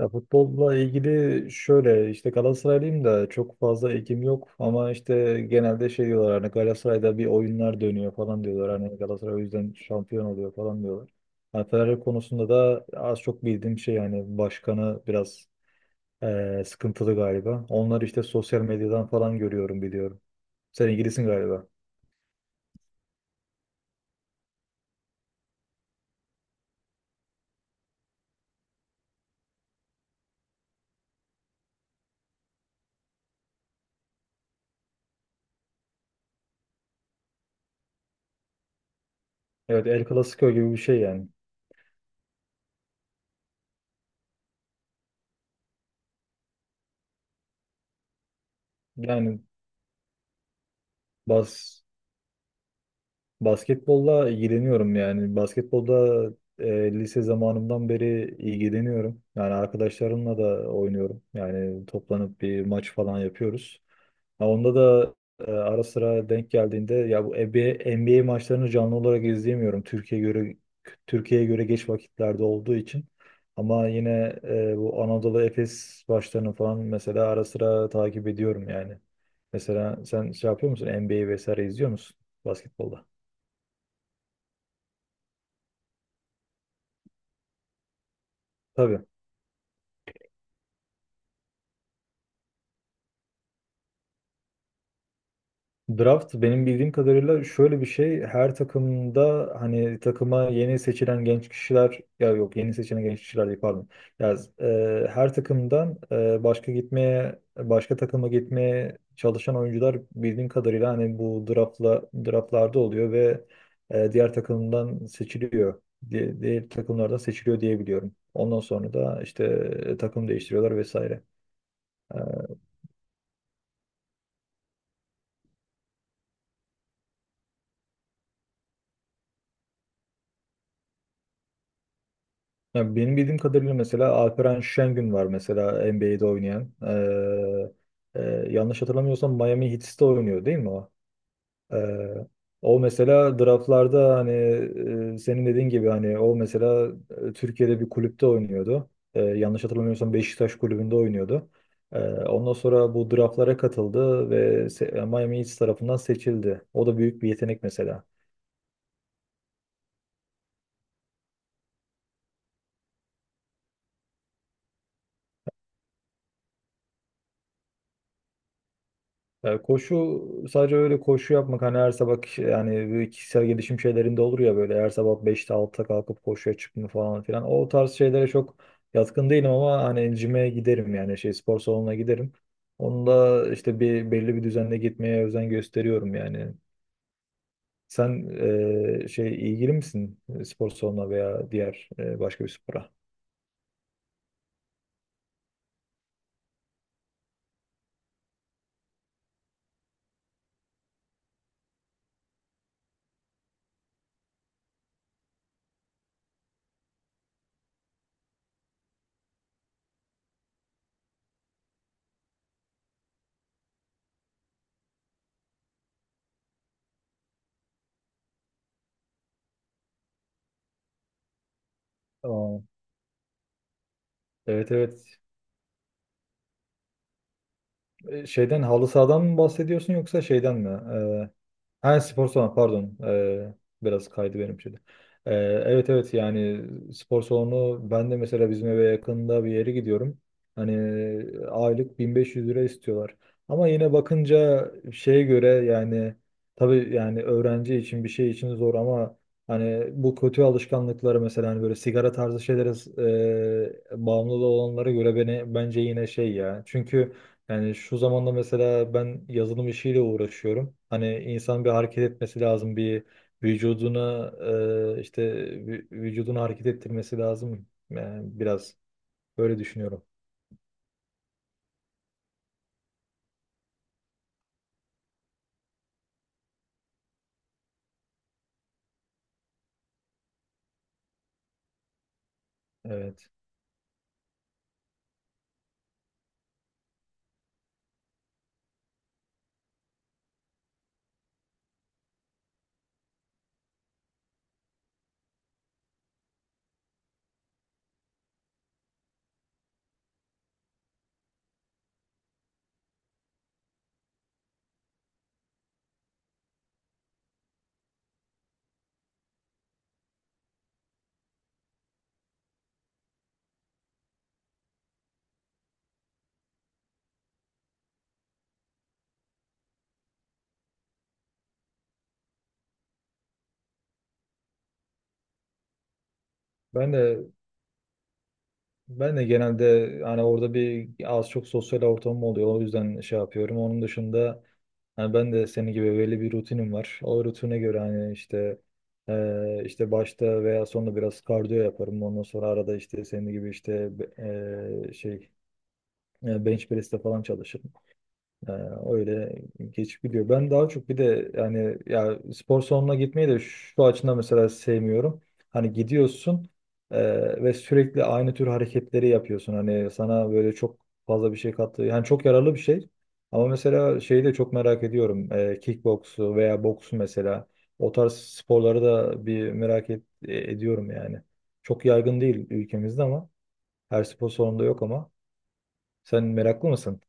Ya, futbolla ilgili şöyle işte Galatasaraylıyım da çok fazla ilgim yok, ama işte genelde şey diyorlar, hani Galatasaray'da bir oyunlar dönüyor falan diyorlar, hani Galatasaray o yüzden şampiyon oluyor falan diyorlar. Hani Fenerbahçe konusunda da az çok bildiğim şey, yani başkanı biraz sıkıntılı galiba. Onları işte sosyal medyadan falan görüyorum, biliyorum. Sen ilgilisin galiba. Evet, El Clasico gibi bir şey yani. Yani bas basketbolla ilgileniyorum yani. Basketbolda lise zamanımdan beri ilgileniyorum. Yani arkadaşlarımla da oynuyorum. Yani toplanıp bir maç falan yapıyoruz. Ha, onda da ara sıra denk geldiğinde, ya bu NBA maçlarını canlı olarak izleyemiyorum. Türkiye'ye göre geç vakitlerde olduğu için. Ama yine bu Anadolu Efes maçlarını falan mesela ara sıra takip ediyorum yani. Mesela sen şey yapıyor musun? NBA vesaire izliyor musun basketbolda? Tabii. Draft benim bildiğim kadarıyla şöyle bir şey: her takımda hani takıma yeni seçilen genç kişiler, ya yok, yeni seçilen genç kişiler değil, pardon. Ya, her takımdan başka takıma gitmeye çalışan oyuncular, bildiğim kadarıyla hani bu draftlarda oluyor ve diğer takımdan seçiliyor. Diğer takımlardan seçiliyor diye biliyorum. Ondan sonra da işte takım değiştiriyorlar vesaire. Ya benim bildiğim kadarıyla mesela Alperen Şengün var mesela NBA'de oynayan. Ee, e, Yanlış hatırlamıyorsam Miami Heat'te oynuyor değil mi o? Ee, O mesela draftlarda, hani senin dediğin gibi, hani o mesela Türkiye'de bir kulüpte oynuyordu. Yanlış hatırlamıyorsam Beşiktaş kulübünde oynuyordu. Ondan sonra bu draftlara katıldı ve Miami Heat tarafından seçildi. O da büyük bir yetenek mesela. Ya, koşu, sadece öyle koşu yapmak, hani her sabah yani böyle kişisel gelişim şeylerinde olur ya, böyle her sabah 5'te, 6'da kalkıp koşuya çıkma falan filan. O tarz şeylere çok yatkın değilim, ama hani cime giderim, yani şey, spor salonuna giderim. Onu da işte belli bir düzenle gitmeye özen gösteriyorum yani. Sen şey ilgili misin, spor salonuna veya diğer, başka bir spora? Tamam. Evet, evet. Şeyden, halı sahadan mı bahsediyorsun, yoksa şeyden mi? E, Ha, spor salonu, pardon. Biraz kaydı benim şimdi. Ee, evet, evet, yani spor salonu, ben de mesela bizim eve yakında bir yere gidiyorum. Hani aylık 1500 lira istiyorlar. Ama yine bakınca şeye göre yani, tabii yani öğrenci için, bir şey için zor, ama hani bu kötü alışkanlıkları, mesela hani böyle sigara tarzı şeylere bağımlı olanlara göre beni, bence yine şey ya. Çünkü yani şu zamanda mesela ben yazılım işiyle uğraşıyorum. Hani insan bir hareket etmesi lazım, bir vücuduna işte vücudunu hareket ettirmesi lazım. Yani biraz böyle düşünüyorum. Evet. Ben de Ben de genelde hani orada bir az çok sosyal ortamım oluyor. O yüzden şey yapıyorum. Onun dışında hani ben de senin gibi belli bir rutinim var. O rutine göre hani işte işte başta veya sonunda biraz kardiyo yaparım. Ondan sonra arada işte senin gibi işte şey bench press'te falan çalışırım. Ee, Öyle geçip gidiyor. Ben daha çok bir de, yani ya, spor salonuna gitmeyi de şu açıdan mesela sevmiyorum: hani gidiyorsun ve sürekli aynı tür hareketleri yapıyorsun. Hani sana böyle çok fazla bir şey kattı. Yani çok yararlı bir şey. Ama mesela şeyi de çok merak ediyorum. Kickboksu veya boksu mesela. O tarz sporları da bir merak ediyorum yani. Çok yaygın değil ülkemizde, ama her spor salonunda yok ama. Sen meraklı mısın?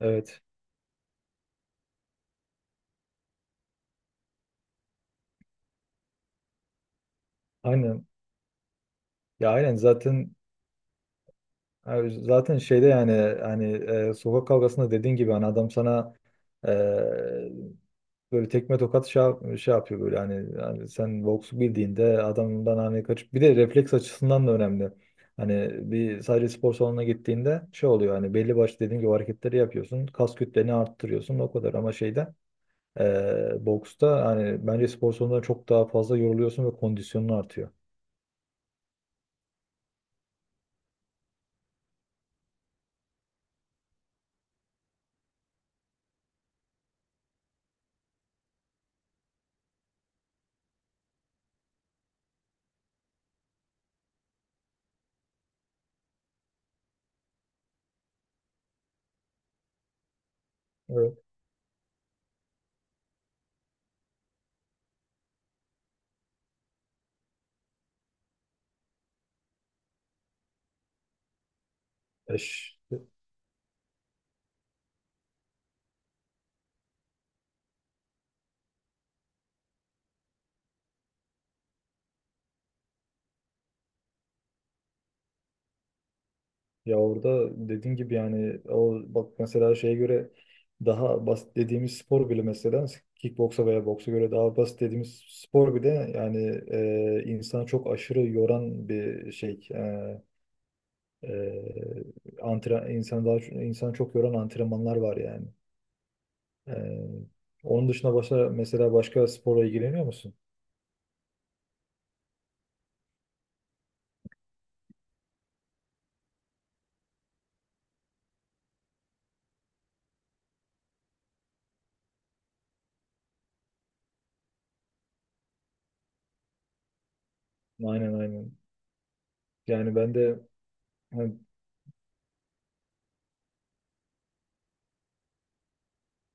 Evet. Aynen. Ya aynen, zaten şeyde yani, hani sokak kavgasında dediğin gibi, hani adam sana e, böyle tekme tokat şey, şey yapıyor böyle, hani sen boksu bildiğinde adamdan hani kaçıp, bir de refleks açısından da önemli. Hani bir sadece spor salonuna gittiğinde şey oluyor, hani belli başlı dediğim gibi hareketleri yapıyorsun, kas kütleni arttırıyorsun o kadar, ama şeyde boksta hani bence spor salonunda çok daha fazla yoruluyorsun ve kondisyonun artıyor. Evet. Eş. Ya orada dediğin gibi yani, o bak mesela şeye göre daha basit dediğimiz spor bile, mesela kickboksa veya boksa göre daha basit dediğimiz spor bile, yani insanı çok aşırı yoran bir şey. İnsan daha, insan çok yoran antrenmanlar var yani. E, Onun dışında başka, mesela başka sporla ilgileniyor musun? Aynen, aynen. Yani ben de, hani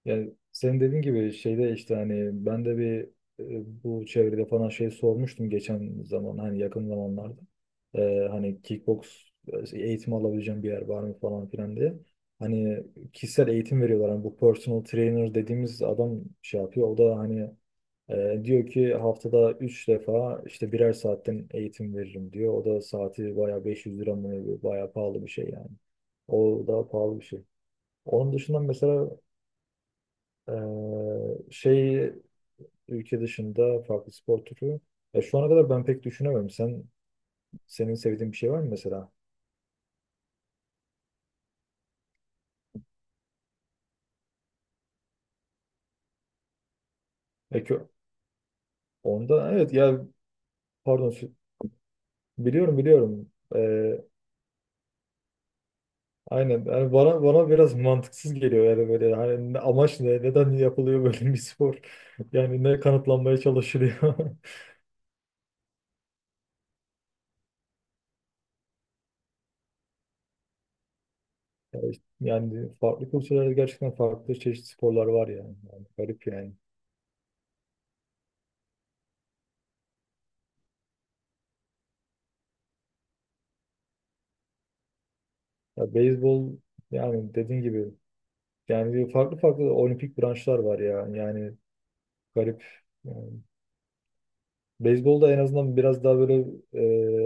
Senin dediğin gibi şeyde işte, hani ben de bir bu çevrede falan şey sormuştum geçen zaman, hani yakın zamanlarda. Hani kickbox eğitimi alabileceğim bir yer var mı falan filan diye. Hani kişisel eğitim veriyorlar. Hani bu personal trainer dediğimiz adam şey yapıyor. O da hani diyor ki haftada 3 defa işte birer saatten eğitim veririm diyor. O da saati bayağı 500 lira mı ne, bayağı pahalı bir şey yani. O da pahalı bir şey. Onun dışında mesela ee, şey, ülke dışında farklı spor türü. Ya şu ana kadar ben pek düşünemedim. Senin sevdiğin bir şey var mı mesela? Peki, onda evet ya, pardon, biliyorum, biliyorum. Aynen yani, bana biraz mantıksız geliyor yani, böyle hani amaç ne, neden yapılıyor böyle bir spor yani, ne kanıtlanmaya çalışılıyor? Ya işte yani farklı kültürlerde gerçekten farklı çeşitli sporlar var yani garip yani, ya beyzbol, yani dediğin gibi, yani farklı farklı olimpik branşlar var ya. Yani garip. Yani beyzbolda en azından biraz daha böyle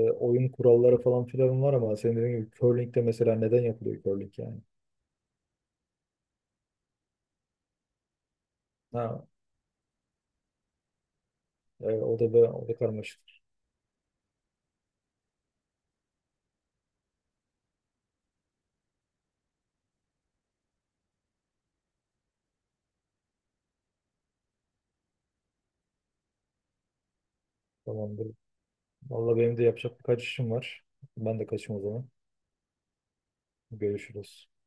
oyun kuralları falan filan var, ama senin dediğin gibi curling'de mesela, neden yapılıyor curling yani? Ha, o da o da karmaşık. Tamamdır. Vallahi benim de yapacak birkaç işim var. Ben de kaçayım o zaman. Görüşürüz.